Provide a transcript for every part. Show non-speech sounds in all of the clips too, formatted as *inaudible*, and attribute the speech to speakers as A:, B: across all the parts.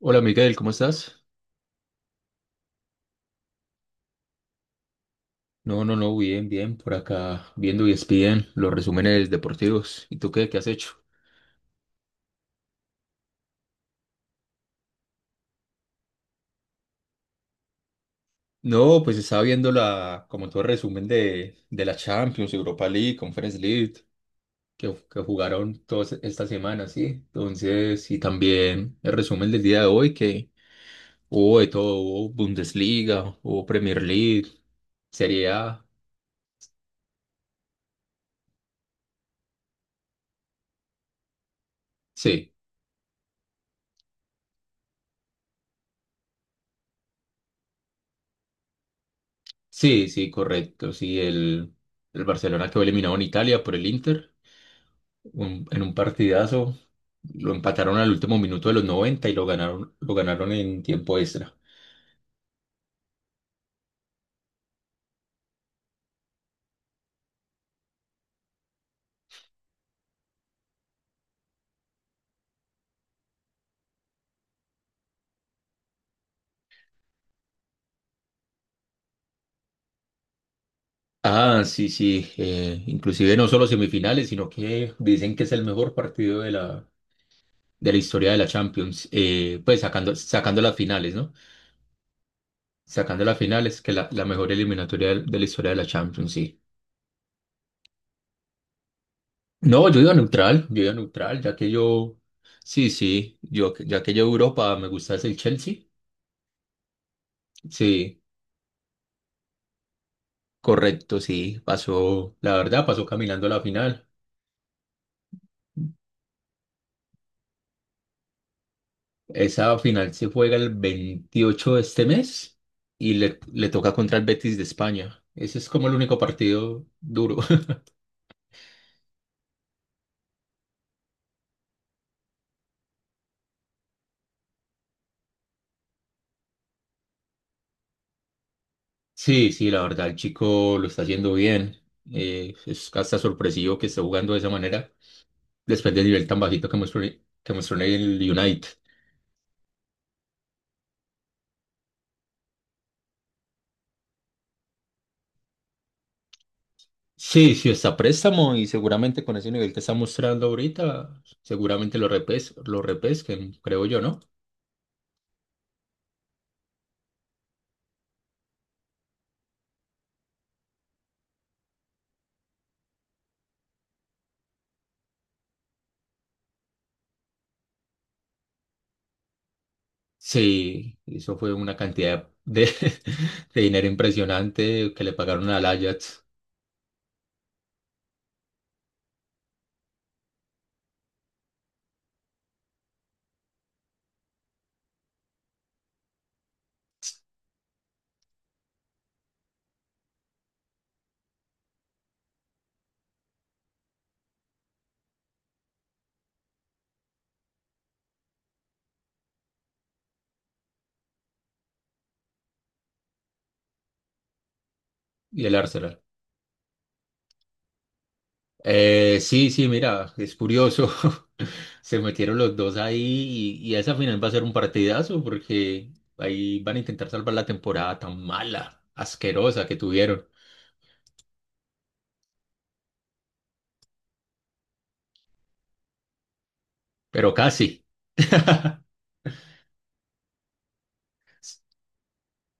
A: Hola Miguel, ¿cómo estás? No, no, no, bien, bien, por acá viendo y ESPN, los resúmenes deportivos. ¿Y tú qué has hecho? No, pues estaba viendo como todo el resumen de la Champions, Europa League, Conference League, que jugaron todas esta semana, ¿sí? Entonces, y también el resumen del día de hoy, que hubo de todo, hubo Bundesliga, hubo Premier League, Serie A, sí, sí, sí, correcto, sí, el Barcelona quedó eliminado en Italia por el Inter. En un partidazo. Lo empataron al último minuto de los 90 y lo ganaron en tiempo extra. Ah, sí, sí. Inclusive no solo semifinales, sino que dicen que es el mejor partido de la historia de la Champions. Pues sacando las finales, ¿no? Sacando las finales, que la mejor eliminatoria de la historia de la Champions, sí. No, yo iba neutral, sí, sí, ya que yo Europa me gusta es el Chelsea, sí. Correcto, sí, pasó, la verdad, pasó caminando a la final. Esa final se juega el 28 de este mes y le toca contra el Betis de España. Ese es como el único partido duro. *laughs* Sí, sí, la verdad, el chico lo está haciendo bien. Es hasta sorpresivo que esté jugando de esa manera, después del nivel tan bajito que mostró, en el United. Sí, sí, está a préstamo y seguramente con ese nivel que está mostrando ahorita, seguramente lo repesquen, creo yo, ¿no? Sí, eso fue una cantidad de, *laughs* de dinero impresionante que le pagaron al Ajax y al Arsenal. Sí, sí, mira, es curioso. *laughs* Se metieron los dos ahí y esa final va a ser un partidazo porque ahí van a intentar salvar la temporada tan mala, asquerosa que tuvieron, pero casi. *laughs*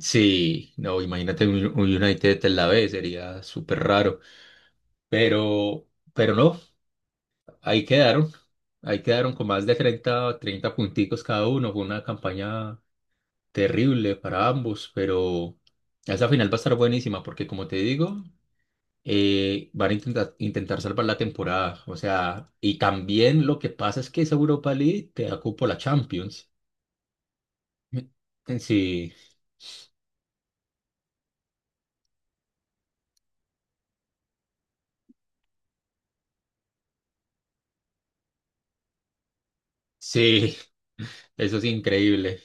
A: Sí, no, imagínate un United en la B, sería súper raro, pero, pero no, Ahí quedaron, ahí quedaron con más de treinta punticos cada uno. Fue una campaña terrible para ambos, pero esa final va a estar buenísima porque, como te digo, van a intentar salvar la temporada. O sea, y también lo que pasa es que esa Europa League te da cupo a la Champions. Sí, sí, eso es increíble,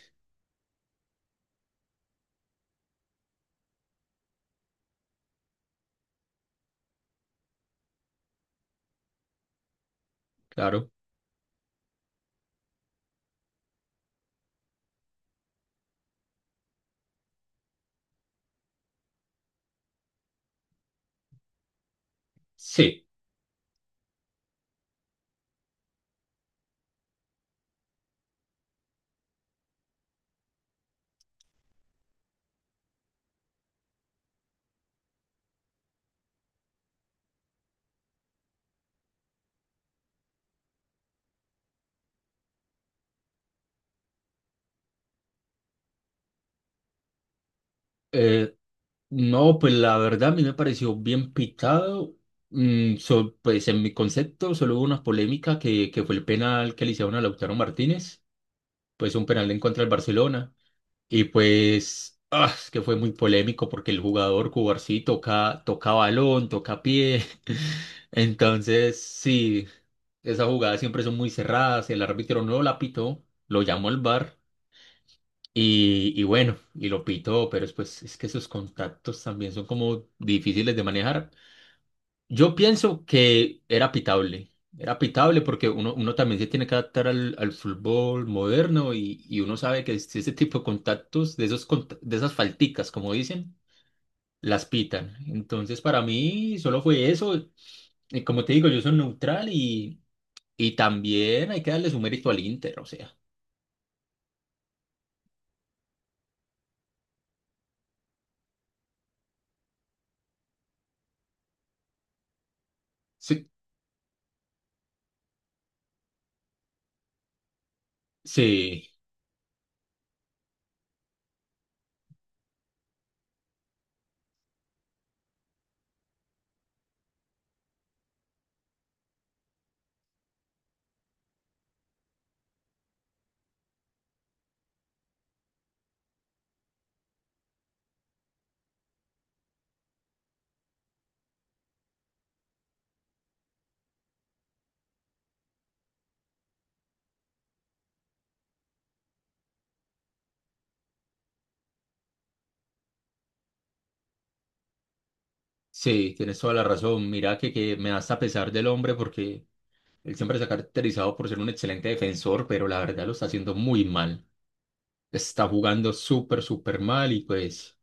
A: claro. Sí, eh, no, pues la verdad a mí me pareció bien pitado. Pues en mi concepto solo hubo una polémica que fue el penal que le hicieron a Lautaro Martínez, pues un penal en contra del Barcelona. Y pues ah, es que fue muy polémico porque el jugador Cubarsí sí toca, toca balón, toca pie. *laughs* Entonces, sí, esas jugadas siempre son muy cerradas. El árbitro no la pitó, lo llamó al VAR. Y bueno, y lo pitó, pero después es que esos contactos también son como difíciles de manejar. Yo pienso que era pitable porque uno también se tiene que adaptar al fútbol moderno y uno sabe que ese tipo de contactos, de esos, de esas falticas, como dicen, las pitan. Entonces, para mí solo fue eso. Y como te digo, yo soy neutral y también hay que darle su mérito al Inter, o sea. Sí, sí. Sí, tienes toda la razón. Mira que me da hasta pesar del hombre porque él siempre se ha caracterizado por ser un excelente defensor, pero la verdad lo está haciendo muy mal. Está jugando súper, súper mal y pues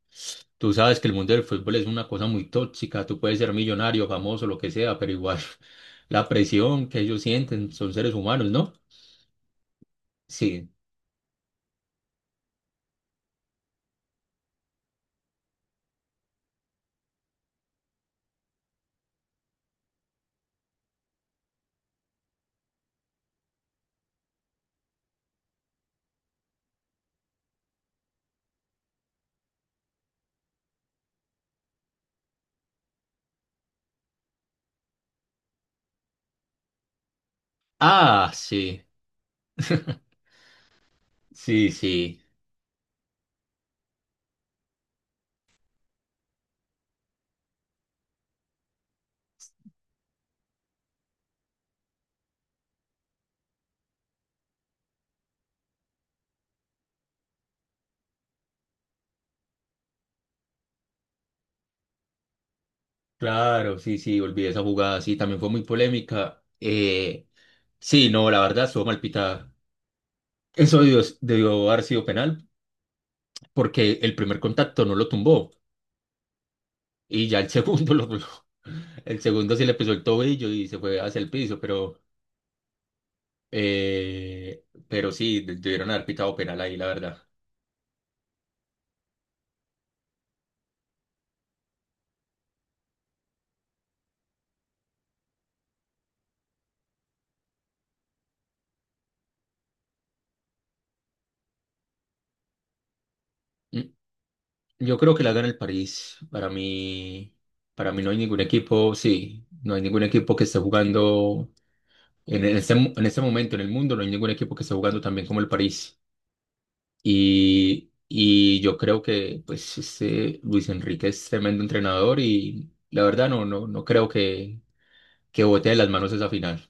A: tú sabes que el mundo del fútbol es una cosa muy tóxica. Tú puedes ser millonario, famoso, lo que sea, pero igual *laughs* la presión que ellos sienten son seres humanos, ¿no? Sí. Ah, sí. *laughs* Sí, sí, claro, sí, sí, olvidé esa jugada, sí, también fue muy polémica. Sí, no, la verdad, estuvo mal pitada. Eso debió haber sido penal, porque el primer contacto no lo tumbó, y ya el segundo *laughs* el segundo sí le pisó el tobillo y se fue hacia el piso, pero sí, debieron haber pitado penal ahí, la verdad. Mm, Yo creo que la gana el París. Para mí no hay ningún equipo, sí, no hay ningún equipo que esté jugando en este momento en el mundo, no hay ningún equipo que esté jugando también como el París. Y yo creo que pues este Luis Enrique es tremendo entrenador y la verdad no, no, no creo que bote de las manos esa final.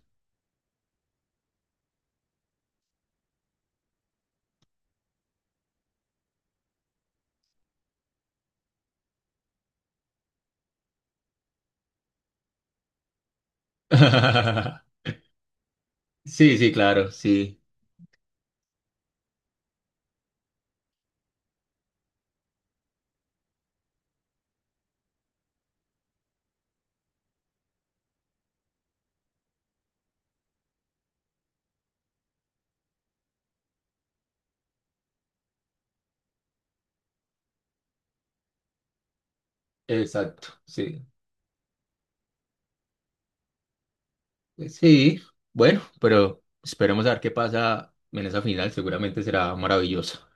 A: *laughs* Sí, sí, claro, sí, exacto, sí, pues sí, bueno, pero esperemos a ver qué pasa en esa final, seguramente será maravillosa.